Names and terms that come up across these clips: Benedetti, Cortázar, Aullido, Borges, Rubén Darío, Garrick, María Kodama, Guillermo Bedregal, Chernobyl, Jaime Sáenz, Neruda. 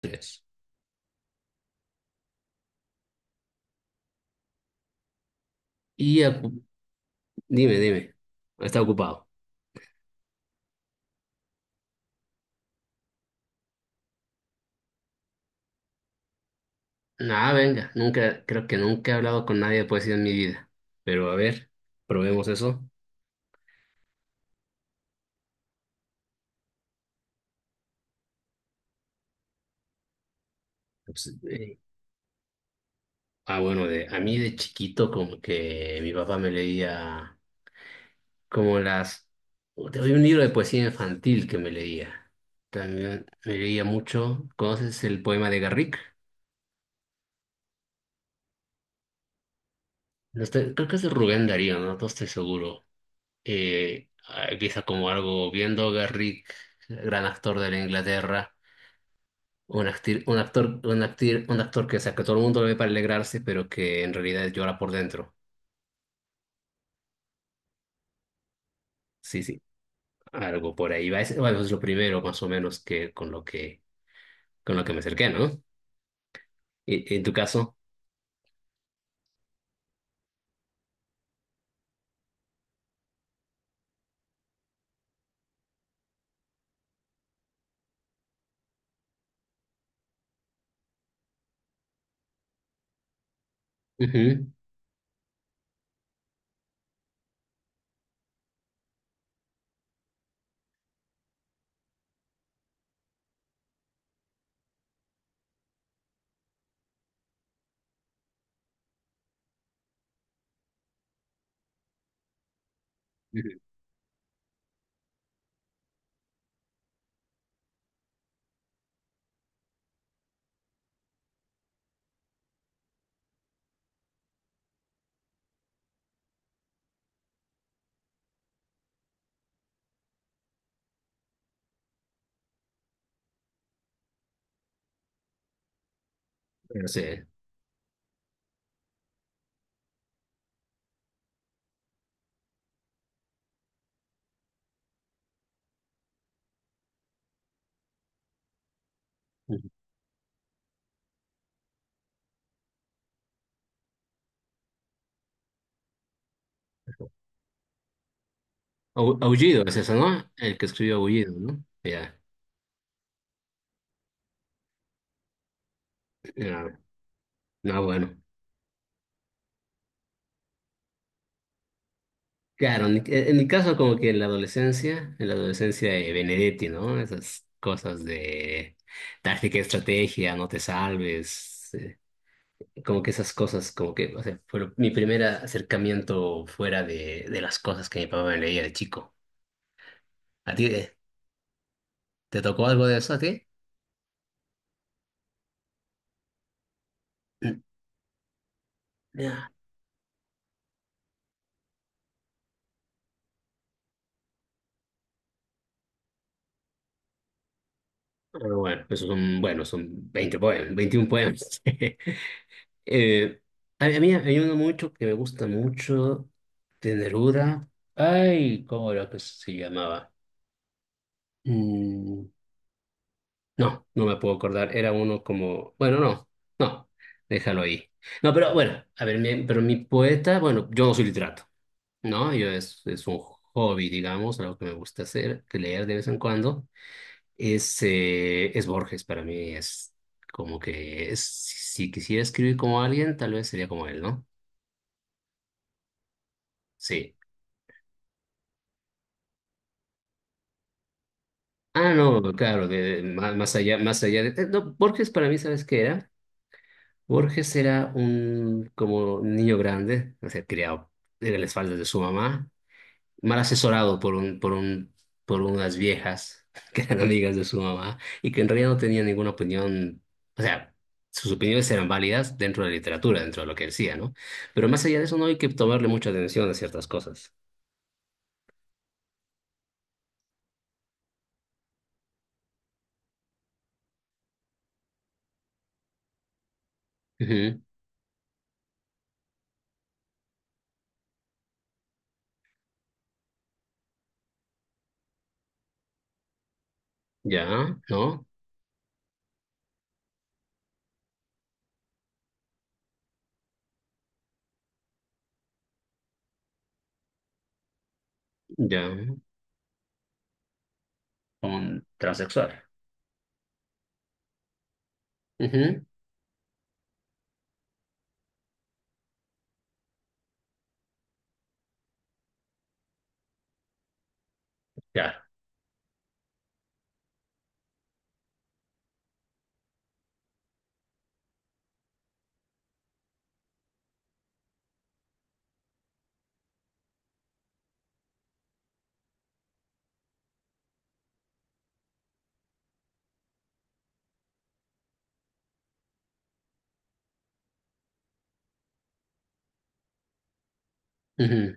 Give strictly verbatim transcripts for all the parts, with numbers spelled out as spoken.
Tres. Y ocu- dime, dime. Está ocupado. Nada, venga. Nunca, creo que nunca he hablado con nadie de poesía en mi vida. Pero a ver, probemos eso. Pues, eh, ah, bueno, de, a mí de chiquito como que mi papá me leía como las... Había un libro de poesía infantil que me leía. También me leía mucho. ¿Conoces el poema de Garrick? No estoy- Creo que es de Rubén Darío, no, no estoy seguro. Eh, ah, empieza como algo bien Garrick, gran actor de la Inglaterra, un, acti- un actor, un acti- un actor que, o sea, que todo el mundo lo ve para alegrarse, pero que en realidad llora por dentro. Sí, sí, algo por ahí va. Es, bueno, es lo primero más o menos que con lo que con lo que me acerqué, ¿no? Y en tu caso, ujú, ujú, pero sí. Ujú. Au- Aullido es eso, ¿no? El que escribió Aullido, ¿no? Ya, ya. No, bueno. Claro, en mi, en mi caso como que en la adolescencia, en la adolescencia de Benedetti, ¿no? Esas cosas de táctica, estrategia, no te salves, eh, como que esas cosas, como que, o sea, fue mi primer acercamiento fuera de, de las cosas que mi papá me leía de chico. ¿A ti eh, te tocó algo de eso a ti? Mm, ya. Pero bueno, esos son, bueno, son veinte poemas, veintiún poemas. Eh, a a mí hay uno mucho que me gusta mucho de Neruda. Ay, ¿cómo era que se llamaba? Mm, no, no me puedo acordar. Era uno como, bueno, no, no, déjalo ahí. No, pero bueno, a ver, mi- pero mi poeta, bueno, yo no soy literato, ¿no? Yo es, es un hobby, digamos, algo que me gusta hacer, que leer de vez en cuando. Es, eh, es Borges para mí, es como que es, si si quisiera escribir como alguien, tal vez sería como él, ¿no? Sí. Ah, no, claro, de, más, más allá, más allá de... eh, no, Borges para mí, ¿sabes qué era? Borges era un como niño grande, o sea, criado en las faldas de su mamá, mal asesorado por un, por un, por unas viejas que eran amigas de su mamá y que en realidad no tenían ninguna opinión, o sea, sus opiniones eran válidas dentro de la literatura, dentro de lo que decía, ¿no? Pero más allá de eso no hay que tomarle mucha atención a ciertas cosas. Ujú, ya, ¿no? Ya, un transexual. Ujú, claro. Ujú.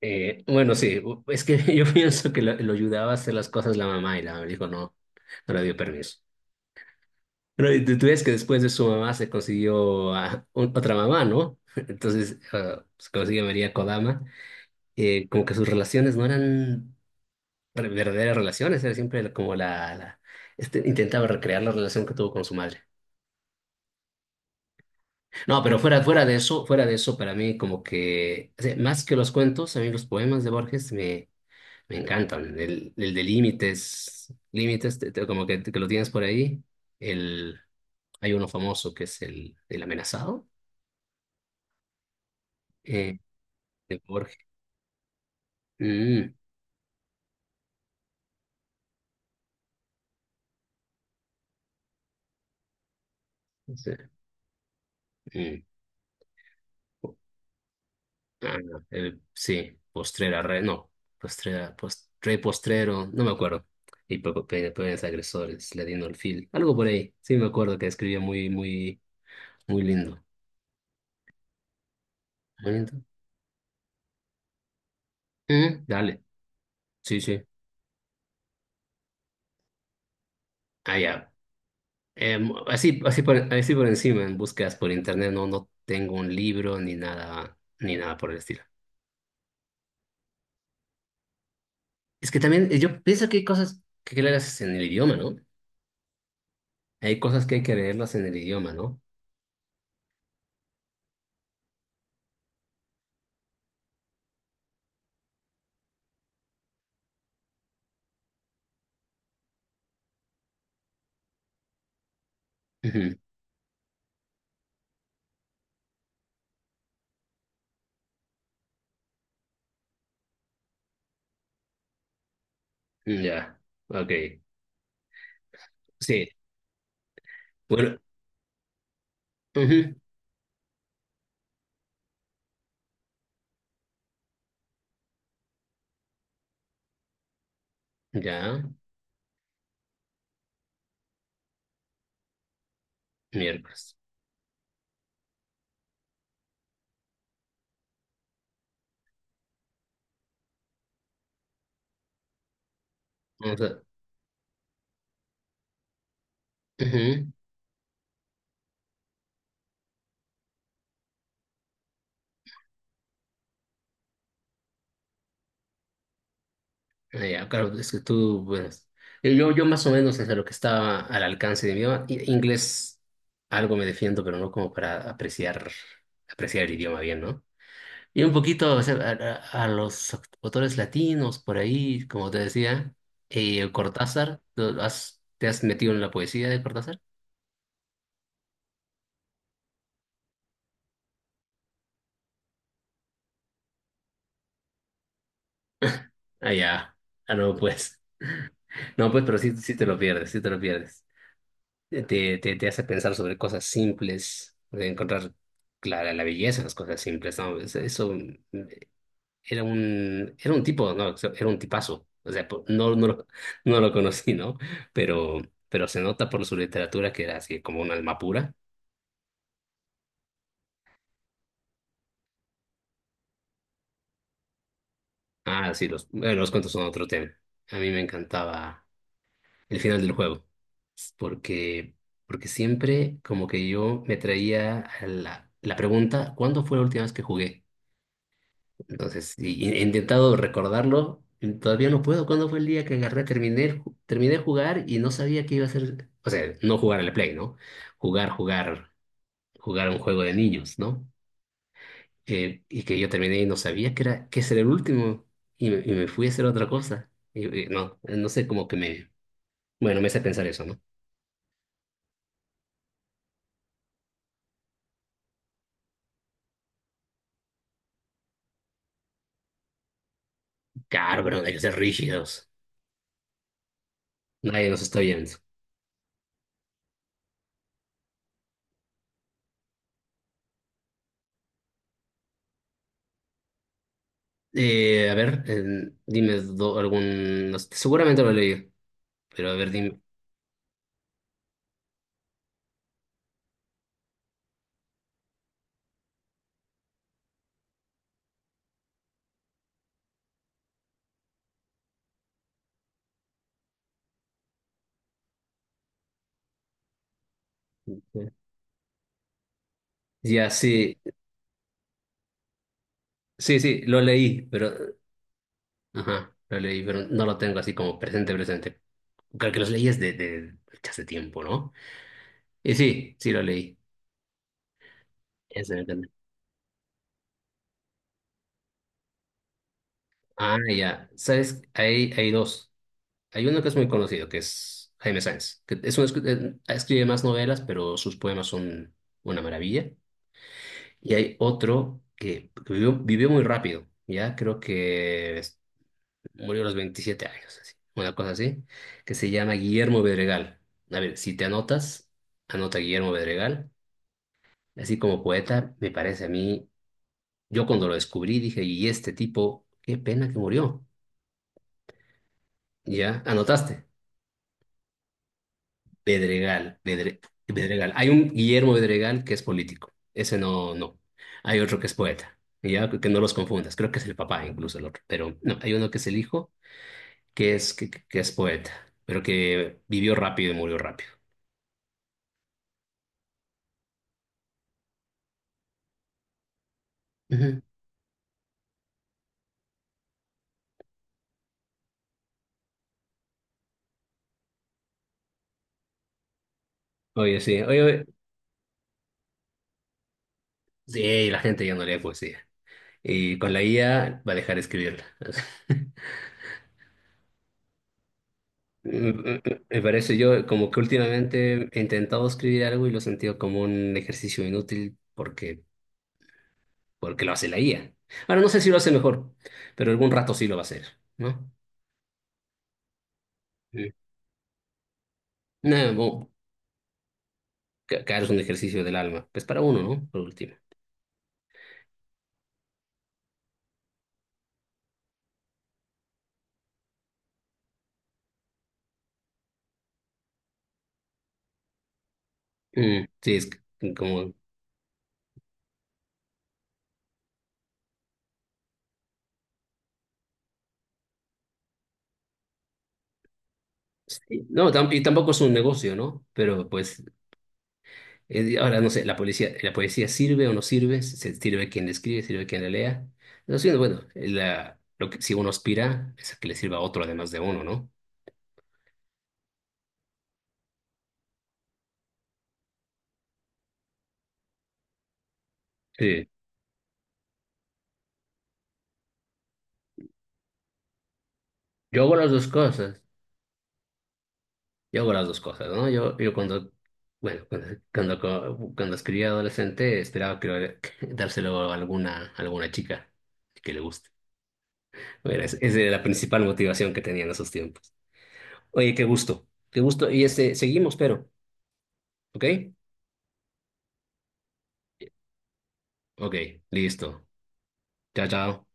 Eh, bueno, sí, u- es que yo pienso que lo, lo ayudaba a hacer las cosas la mamá y la mamá le dijo no, no le dio permiso. Pero y tú tú ves que después de su mamá se consiguió a un- otra mamá, ¿no? Entonces ah, se consiguió María Kodama. Eh, como que sus relaciones no eran re- verdaderas relaciones, era siempre como la, la- este, intentaba recrear la relación que tuvo con su madre. No, pero fuera, fuera de eso, fuera de eso, para mí como que, o sea, más que los cuentos, a mí los poemas de Borges me encantan. El, el de límites, límites, te- te- como que, que lo tienes por ahí. El, hay uno famoso que es el, el amenazado eh, de Borges. Mm, sí, mm. Ah, no, el- sí, postrera, re, no, postrera, post, rey postrero, no me acuerdo. Y pe- pe- peores agresores, le dieron el fil. Algo por ahí. Sí, me acuerdo que escribía muy, muy, muy lindo. Muy lindo. Mm, dale, sí, sí. Ah, ya. Em, así, así por, así por encima, en búsquedas por internet, no, no tengo un libro ni nada, ni nada por el estilo. Es que también eh, yo pienso que hay cosas que hay que leerlas en el idioma, ¿no? Hay cosas que hay que leerlas en el idioma, ¿no? Ujú, ya, ok. Sí, bueno, ujú, ya, miércoles. Vamos a, ujú. Eh, Ya, claro, es que tú, pues, yo, yo yo más o menos desde lo que estaba al alcance de mi idioma, i- inglés algo me defiendo, pero no como para apreciar, apreciar el idioma bien, ¿no? Y un poquito, o sea, a, a- a los autores latinos por ahí, como te decía, eh, Cortázar, ¿tú has- te has metido en la poesía de Cortázar? Ah, ya, ah, no, pues, no, pues, pero sí, sí te lo pierdes, sí te lo pierdes. te, te, te hace pensar sobre cosas simples, de encontrar clara la belleza en las cosas simples, ¿no? Es- Eso, mm, era un, era un tipo, ¿no? Era un tipazo. O sea, po- no, no, lo, no lo conocí, ¿no? Pero, pero se nota por su literatura que era así como un alma pura. Ah, sí, los, bueno, los cuentos son otro tema. A mí me encantaba el final del juego, porque, porque siempre como que yo me traía a la, la pregunta, ¿cuándo fue la última vez que jugué? Entonces, y- he intentado recordarlo, y todavía no puedo. ¿Cuándo fue el día que agarré, terminé, el ju- terminé de jugar y no sabía qué iba a hacer? O sea, no jugar al Play, ¿no? Jugar, jugar, jugar un juego de niños, ¿no? Eh, y que yo terminé y no sabía que era, que ese era el último y me, y me fui a hacer otra cosa. Y, y no, no sé, cómo que me... Bueno, me hace pensar eso, ¿no? Claro, pero hay que ser rígidos. Nadie nos está viendo. Eh, a ver, eh, dime do- algún... no sé, seguramente lo leí, pero a ver, dime. Ya, sí, sí, sí, lo leí, pero, ajá, lo leí, pero no lo tengo así como presente, presente. Creo que los leíes de, de hace tiempo, ¿no? Y sí, sí lo leí. Ese me encanta. Ah, ya, sabes, hay, hay dos. Hay uno que es muy conocido, que es Jaime Sáenz, que es un, escri- eh, escribe más novelas, pero sus poemas son una maravilla. Y hay otro que vivió, vivió muy rápido, ya, creo que murió a los veintisiete años, así, una cosa así, que se llama Guillermo Bedregal. A ver, si te anotas, anota Guillermo Bedregal. Así como poeta, me parece a mí, yo cuando lo descubrí dije, y este tipo, qué pena que murió. Ya, anotaste, Bedregal, Bedre- Bedregal. Hay un Guillermo Bedregal que es político, ese no, no. Hay otro que es poeta, ya, que que no los confundas, creo que es el papá incluso el otro, pero no, hay uno que es el hijo, que es, que, que es poeta, pero que vivió rápido y murió rápido. Ujú. Oye, sí, oye, oye, sí, la gente ya no lee poesía. Y con la I A va a dejar de escribirla. Me me Me parece yo como que últimamente he intentado escribir algo y lo he sentido como un ejercicio inútil porque, porque lo hace la I A. Ahora no sé si lo hace mejor, pero algún rato sí lo va a hacer, ¿no? Mm. No, bueno, ca- claro, es un ejercicio del alma. Pues para uno, ¿no? Por último. Mm, sí, es que como... Sí, no, tam- y tampoco es un negocio, ¿no? Pero pues Eh, ahora, no sé, la policía, la poesía sirve o no sirve, se- sirve quien la escribe, sirve quien la lea. No sé, bueno, la, lo que, si uno aspira es a que le sirva a otro además de uno, ¿no? Sí. Yo hago las dos cosas, yo hago las dos cosas, ¿no? Yo, yo cuando, bueno, cuando, cuando, co- cuando escribía adolescente esperaba que, lo- que dárselo a alguna, a alguna chica que le guste. Bueno, es- esa era la principal motivación que tenía en esos tiempos. Oye, qué gusto, qué gusto. Y este, seguimos, pero, ¿ok? Ok, listo. Chao, chao.